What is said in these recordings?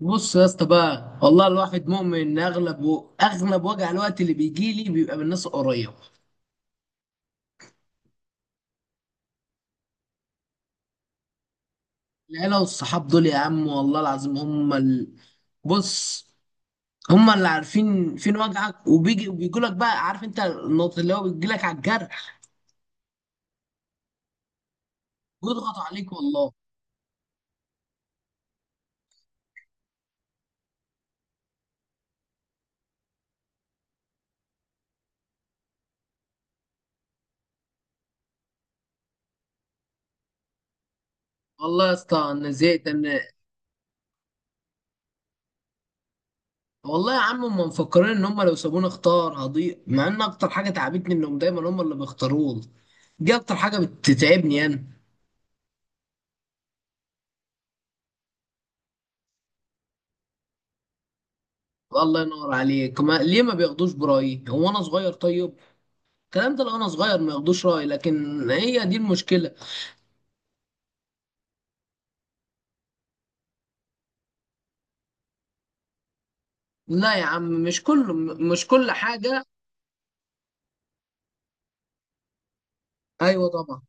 بص يا اسطى بقى. والله الواحد مؤمن ان اغلب اغلب وجع الوقت اللي بيجي لي بيبقى من الناس القريبه. العيله والصحاب دول يا عم والله العظيم هم بص، هم اللي عارفين فين وجعك وبيجي وبيجوا لك. بقى عارف انت النقطه اللي هو بيجي لك على الجرح ويضغطوا عليك والله. والله يا اسطى انا زهقت. والله يا عم هم مفكرين ان هم لو سابوني اختار هضيع، مع ان اكتر حاجه تعبتني انهم دايما هم اللي بيختاروني. دي اكتر حاجه بتتعبني انا. الله ينور عليك. ما ليه ما بياخدوش برأيي؟ هو انا صغير طيب؟ الكلام ده لو انا صغير ما ياخدوش رأيي، لكن هي دي المشكلة. لا يا عم، مش كله، مش كل حاجة. ايوه طبعا.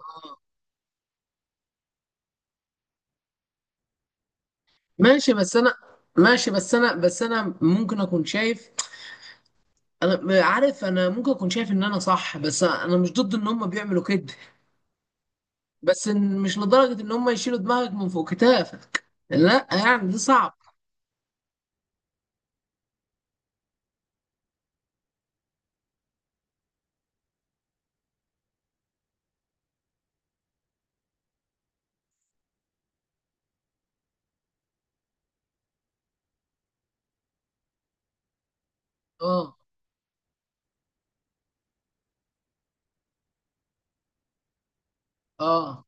آه. ماشي بس انا، ماشي بس انا، بس انا ممكن اكون شايف. انا عارف انا ممكن اكون شايف ان انا صح، بس انا مش ضد ان هم بيعملوا كده. بس إن- مش لدرجة ان هم يشيلوا دماغك من فوق كتافك. لا يعني دي صعب. اه. اه.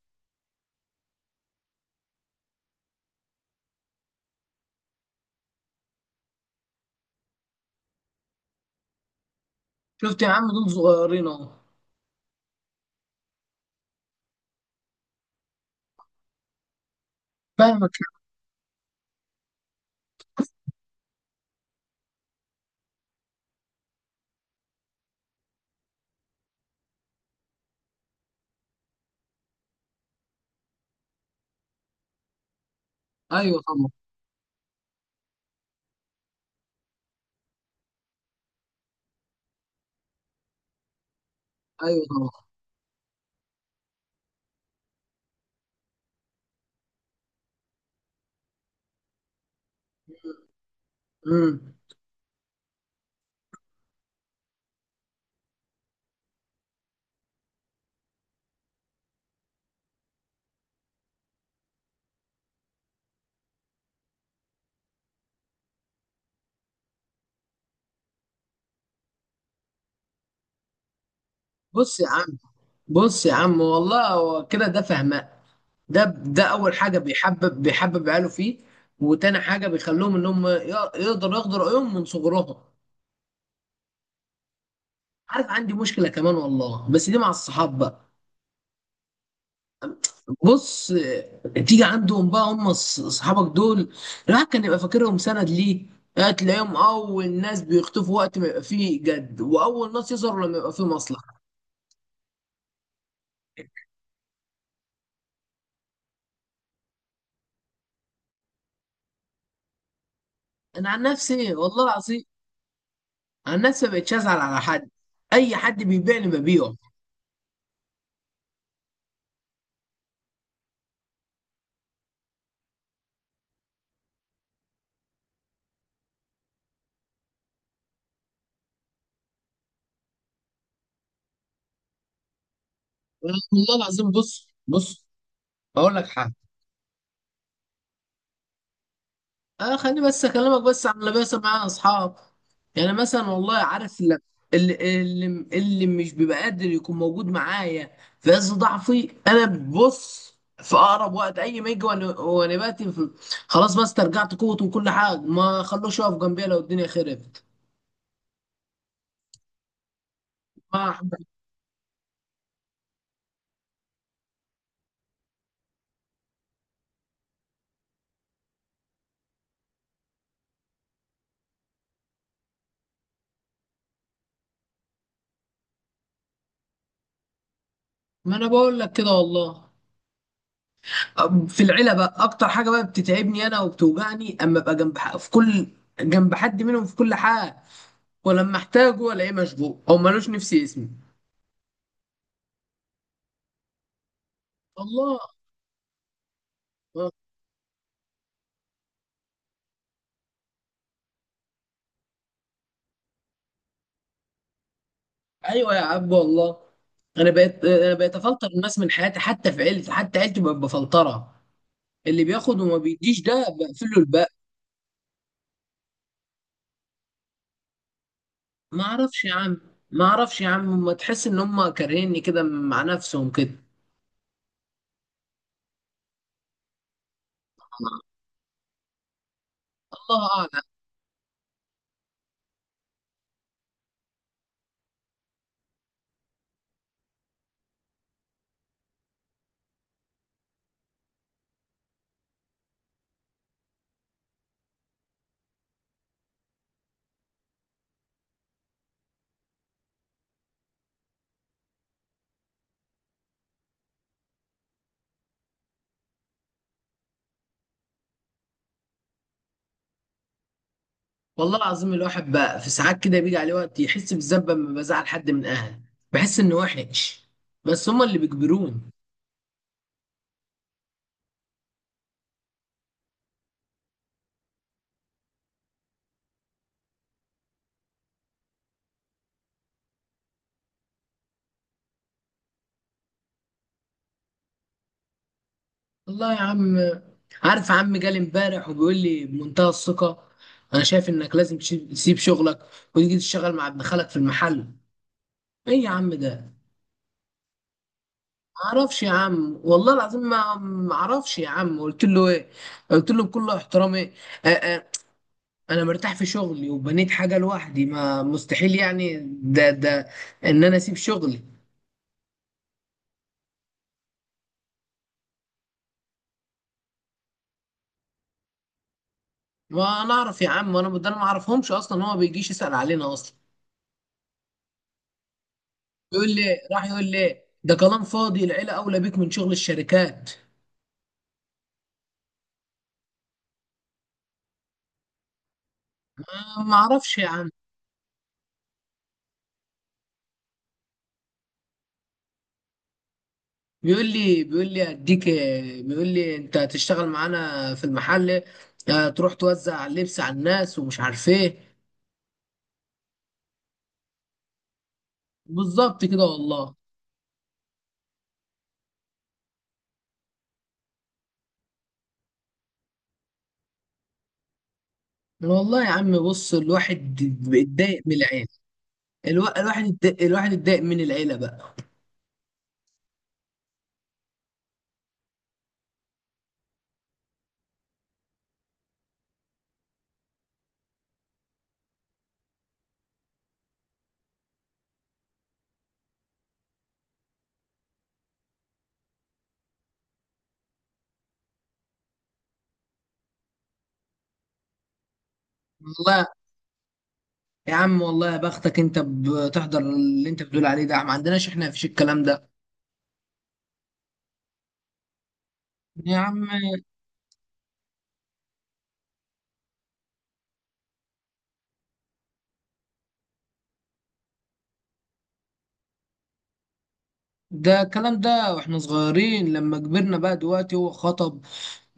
شفت يا عم؟ دول صغيرين اهو. فاهمك. ايوه طبعا. ايوه طبعا. امم. بص يا عم، بص يا عم والله هو كده ده فهماء. ده اول حاجه بيحبب عياله فيه. وتاني حاجه بيخلوهم انهم يقدروا ياخدوا رايهم من صغرهم. عارف عندي مشكله كمان والله، بس دي مع الصحاب بقى. بص آه، تيجي عندهم بقى هم صحابك دول الواحد كان يبقى فاكرهم سند ليه. آه، تلاقيهم اول ناس بيختفوا وقت ما يبقى فيه جد، واول ناس يظهروا لما يبقى فيه مصلحه. انا عن نفسي والله العظيم، انا الناس ما بقتش ازعل على حد. اي حد بيبيعني ببيعه. والله العظيم. بص، بص. اقول لك حاجه، اه خليني بس اكلمك بس عن اللي بيحصل معايا اصحاب. يعني مثلا والله عارف اللي اللي اللي مش بيبقى قادر يكون موجود معايا في عز ضعفي، انا ببص في اقرب وقت اي ما يجي وأنا خلاص بس استرجعت قوتي وكل حاجه، ما خلوش يقف جنبي لو الدنيا خربت. ما. ما انا بقول لك كده والله. في العيله بقى اكتر حاجه بقى بتتعبني انا وبتوجعني اما ابقى جنب حد منهم في كل حاجه، ولما احتاجه الاقيه مشغول او ملوش نفس اسمي. الله. آه. ايوه يا عبد والله. انا بقيت افلتر الناس من حياتي، حتى في عيلتي، حتى عيلتي بقت بفلترها. اللي بياخد وما بيديش ده بقفل له الباب. ما اعرفش يا عم. ما اعرفش يا عم. ما تحس ان هم كارهيني كده مع نفسهم كده. الله اعلم. والله العظيم الواحد بقى في ساعات كده بيجي عليه وقت يحس بالذنب لما بزعل حد من اهله، بحس انه وحش. بس هما اللي بيجبروني. والله يا عم. عارف عم جالي امبارح وبيقول لي بمنتهى الثقة: انا شايف انك لازم تسيب شغلك وتيجي تشتغل مع ابن خالك في المحل. ايه يا عم ده؟ معرفش يا عم والله العظيم، ما معرفش يا عم. قلت له ايه؟ قلت له بكل احترامي، انا مرتاح في شغلي وبنيت حاجه لوحدي. ما مستحيل يعني ده ان انا اسيب شغلي. وانا اعرف يا عم انا ده؟ انا ما اعرفهمش اصلا، هو ما بيجيش يسال علينا اصلا. يقول لي، راح يقول لي ده كلام فاضي، العيله اولى بيك من شغل الشركات. أنا ما اعرفش يا عم. بيقول لي اديك، بيقول لي انت هتشتغل معانا في المحل، آه، تروح توزع اللبس على الناس ومش عارف ايه. بالظبط كده والله. والله يا عم بص، الواحد بيتضايق من العيال. الواحد اتضايق من العيله بقى. والله يا عم. والله يا بختك، انت بتحضر اللي انت بتقول عليه ده، ما عندناش احنا فيش الكلام ده يا عم. ده الكلام ده واحنا صغيرين، لما كبرنا بقى دلوقتي هو خطب.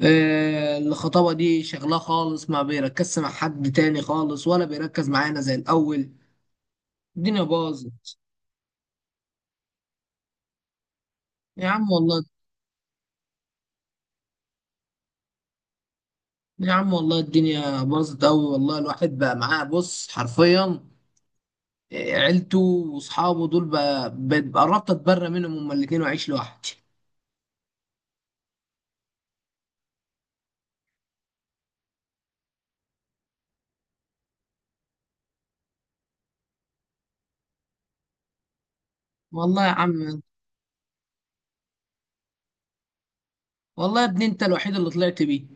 آه الخطابه دي شغلاه خالص، ما بيركزش مع حد تاني خالص، ولا بيركز معانا زي الاول. الدنيا باظت يا عم والله. يا عم والله الدنيا باظت قوي والله. الواحد بقى معاه بص حرفيا عيلته واصحابه دول، قربت اتبرى منهم هما الاتنين واعيش لوحدي. والله يا عم. والله يا ابني انت الوحيد اللي طلعت بيه.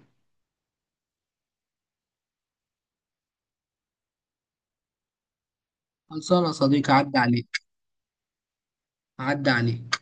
خلصانه يا صديقي، عدى عليك، عدى عليك.